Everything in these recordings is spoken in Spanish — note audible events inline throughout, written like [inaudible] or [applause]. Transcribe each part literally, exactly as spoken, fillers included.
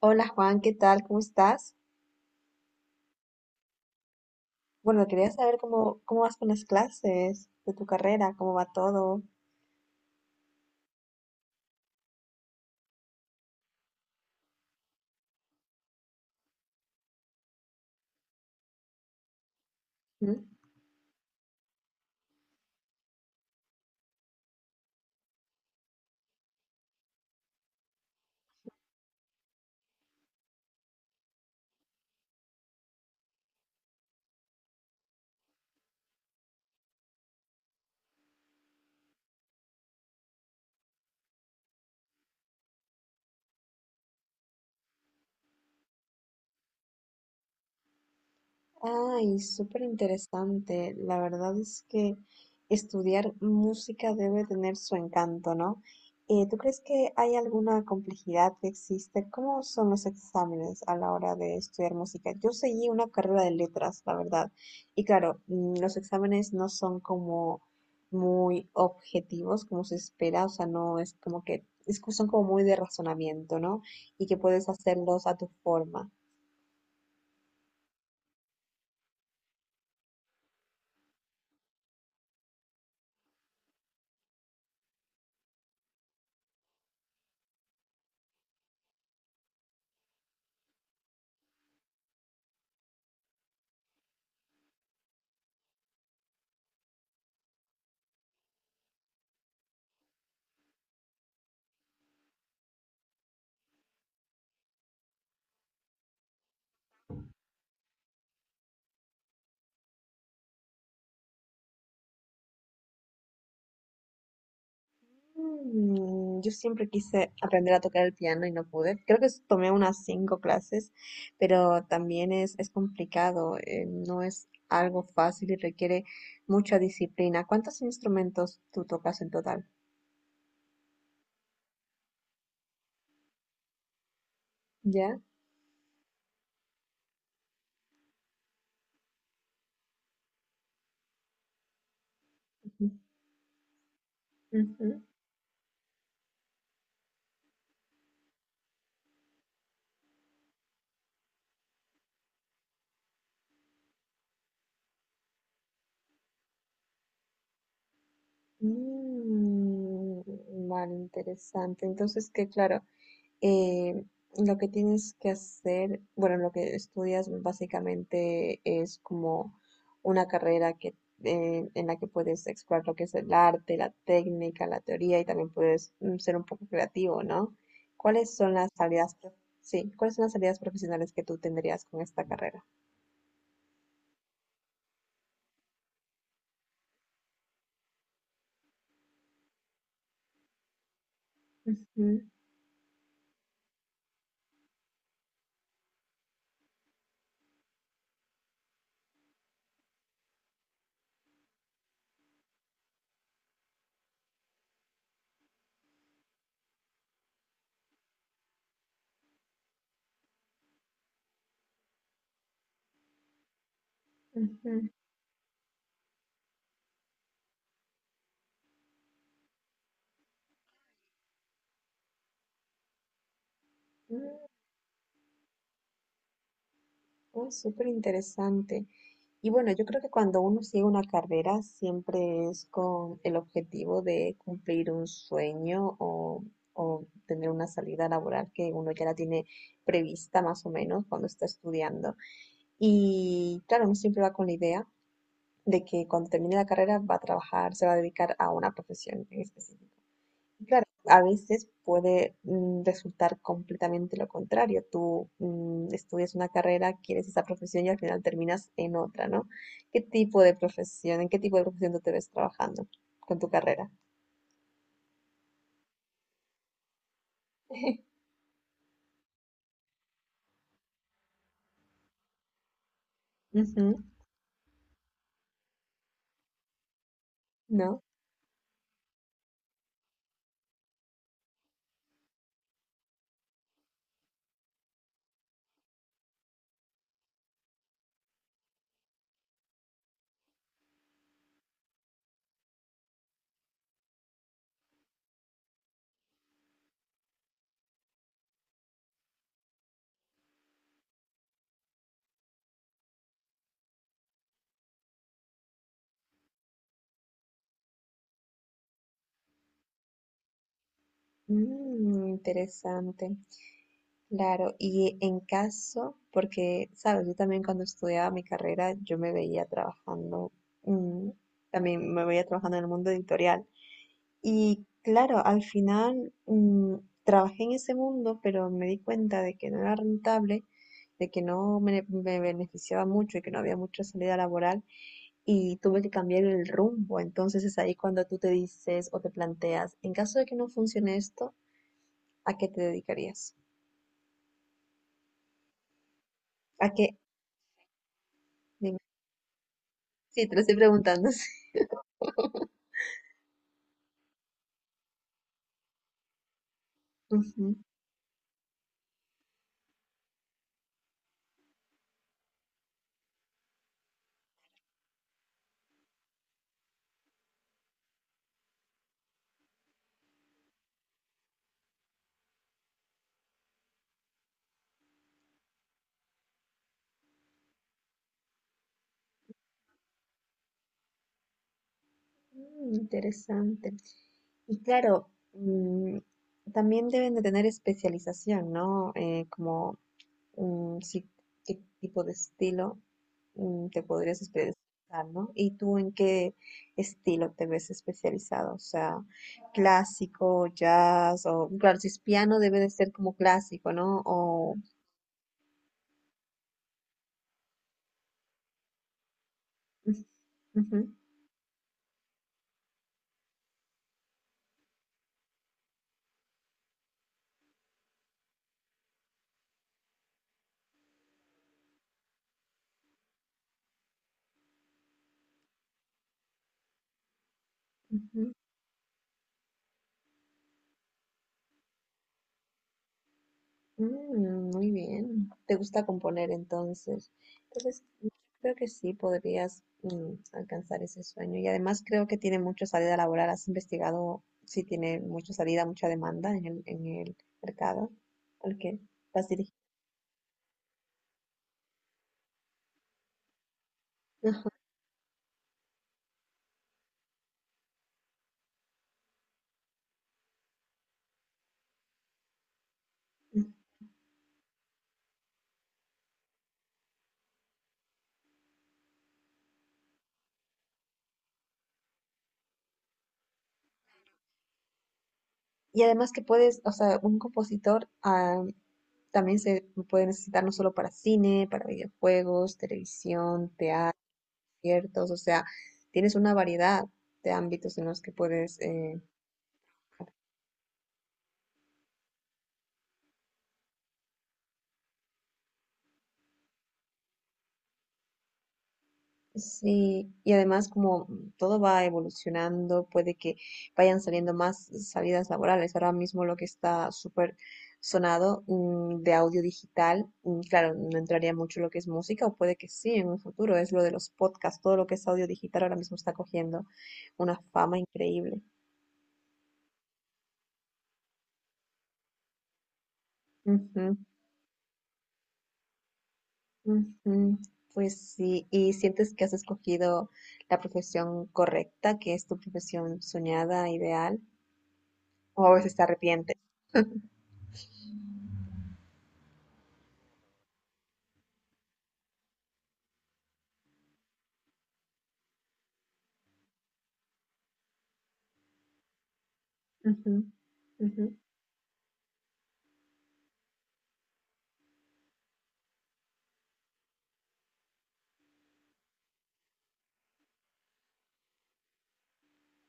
Hola Juan, ¿qué tal? ¿Cómo estás? Bueno, quería saber cómo, cómo vas con las clases de tu carrera, cómo va todo. ¿Mm? Ay, súper interesante. La verdad es que estudiar música debe tener su encanto, ¿no? Eh, ¿tú crees que hay alguna complejidad que existe? ¿Cómo son los exámenes a la hora de estudiar música? Yo seguí una carrera de letras, la verdad. Y claro, mm, los exámenes no son como muy objetivos, como se espera, o sea, no es como que es que son como muy de razonamiento, ¿no? Y que puedes hacerlos a tu forma. Mm. Yo siempre quise aprender a tocar el piano y no pude. Creo que s- tomé unas cinco clases, pero también es, es complicado, eh, no es algo fácil y requiere mucha disciplina. ¿Cuántos instrumentos tú tocas en total? ¿Ya? Ujú, ujú. Mm, vale, interesante. Entonces, que claro, eh, lo que tienes que hacer, bueno, lo que estudias básicamente es como una carrera que, eh, en la que puedes explorar lo que es el arte, la técnica, la teoría y también puedes, mm, ser un poco creativo, ¿no? ¿Cuáles son las salidas, pro- sí, cuáles son las salidas profesionales que tú tendrías con esta carrera? Ujú, ujú. Uy, súper interesante. Y bueno, yo creo que cuando uno sigue una carrera siempre es con el objetivo de cumplir un sueño o, o tener una salida laboral que uno ya la tiene prevista más o menos cuando está estudiando. Y claro, uno siempre va con la idea de que cuando termine la carrera va a trabajar, se va a dedicar a una profesión en específico. Claro, a veces puede, mm, resultar completamente lo contrario. Tú mm, estudias una carrera, quieres esa profesión y al final terminas en otra, ¿no? ¿Qué tipo de profesión, en qué tipo de profesión tú te ves trabajando con tu carrera? [laughs] Ujú. ¿No? Mm, interesante. Claro, y en caso, porque, sabes, yo también cuando estudiaba mi carrera, yo me veía trabajando, mm, también me veía trabajando en el mundo editorial. Y claro, al final, mm, trabajé en ese mundo, pero me di cuenta de que no era rentable, de que no me, me beneficiaba mucho y que no había mucha salida laboral y tuve que cambiar el rumbo. Entonces es ahí cuando tú te dices o te planteas, en caso de que no funcione esto, ¿a qué te dedicarías? ¿A qué? Dime. Sí, te lo estoy preguntando. [laughs] Sí. Ujú. Mm, interesante. Y claro, mm, también deben de tener especialización, ¿no? Eh, como, mm, sí, qué tipo de estilo, mm, te podrías especializar, ¿no? ¿Y tú en qué estilo te ves especializado? O sea, clásico, jazz, o claro, si es piano debe de ser como clásico, ¿no? O, ujú, ujú. Mm, muy bien. ¿Te gusta componer entonces? Entonces, yo creo que sí podrías, mm, alcanzar ese sueño. Y además creo que tiene mucha salida laboral. ¿Has investigado si tiene mucha salida, mucha demanda en el, en el mercado al que vas dirigido? Ajá. Y además que puedes, o sea, un compositor, ah, también se puede necesitar no solo para cine, para videojuegos, televisión, teatro, conciertos, o sea, tienes una variedad de ámbitos en los que puedes eh, Sí, y además como todo va evolucionando, puede que vayan saliendo más salidas laborales. Ahora mismo lo que está súper sonado, mm, de audio digital, mm, claro, no entraría mucho lo que es música, o puede que sí en un futuro, es lo de los podcasts, todo lo que es audio digital ahora mismo está cogiendo una fama increíble. Ujú, ujú. Pues sí, ¿y sientes que has escogido la profesión correcta, que es tu profesión soñada, ideal, o a veces te arrepientes? Ujú, ujú.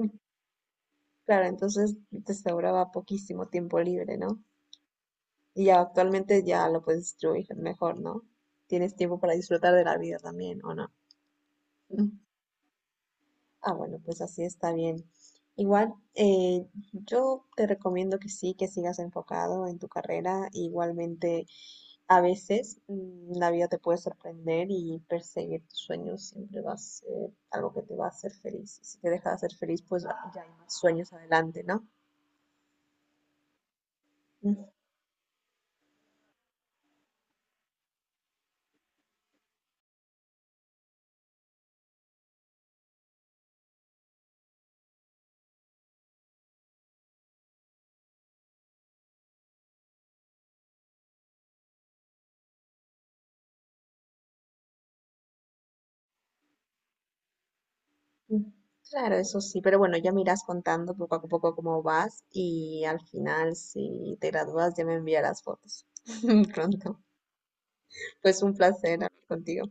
Mm, claro, entonces te sobraba poquísimo tiempo libre, ¿no? Y ya actualmente ya lo puedes distribuir mejor, ¿no? Tienes tiempo para disfrutar de la vida también, ¿o no? Mm. Ah, bueno, pues así está bien. Igual, eh, yo te recomiendo que sí, que sigas enfocado en tu carrera. Igualmente, a veces, mm, la vida te puede sorprender y perseguir tus sueños siempre va a ser algo que te va a hacer feliz. Y si te deja de hacer feliz, pues ya hay más sueños adelante, ¿no? Ujú. Claro, eso sí, pero bueno, ya me irás contando poco a poco cómo vas y al final, si te gradúas, ya me enviarás fotos [laughs] pronto. Pues un placer hablar contigo.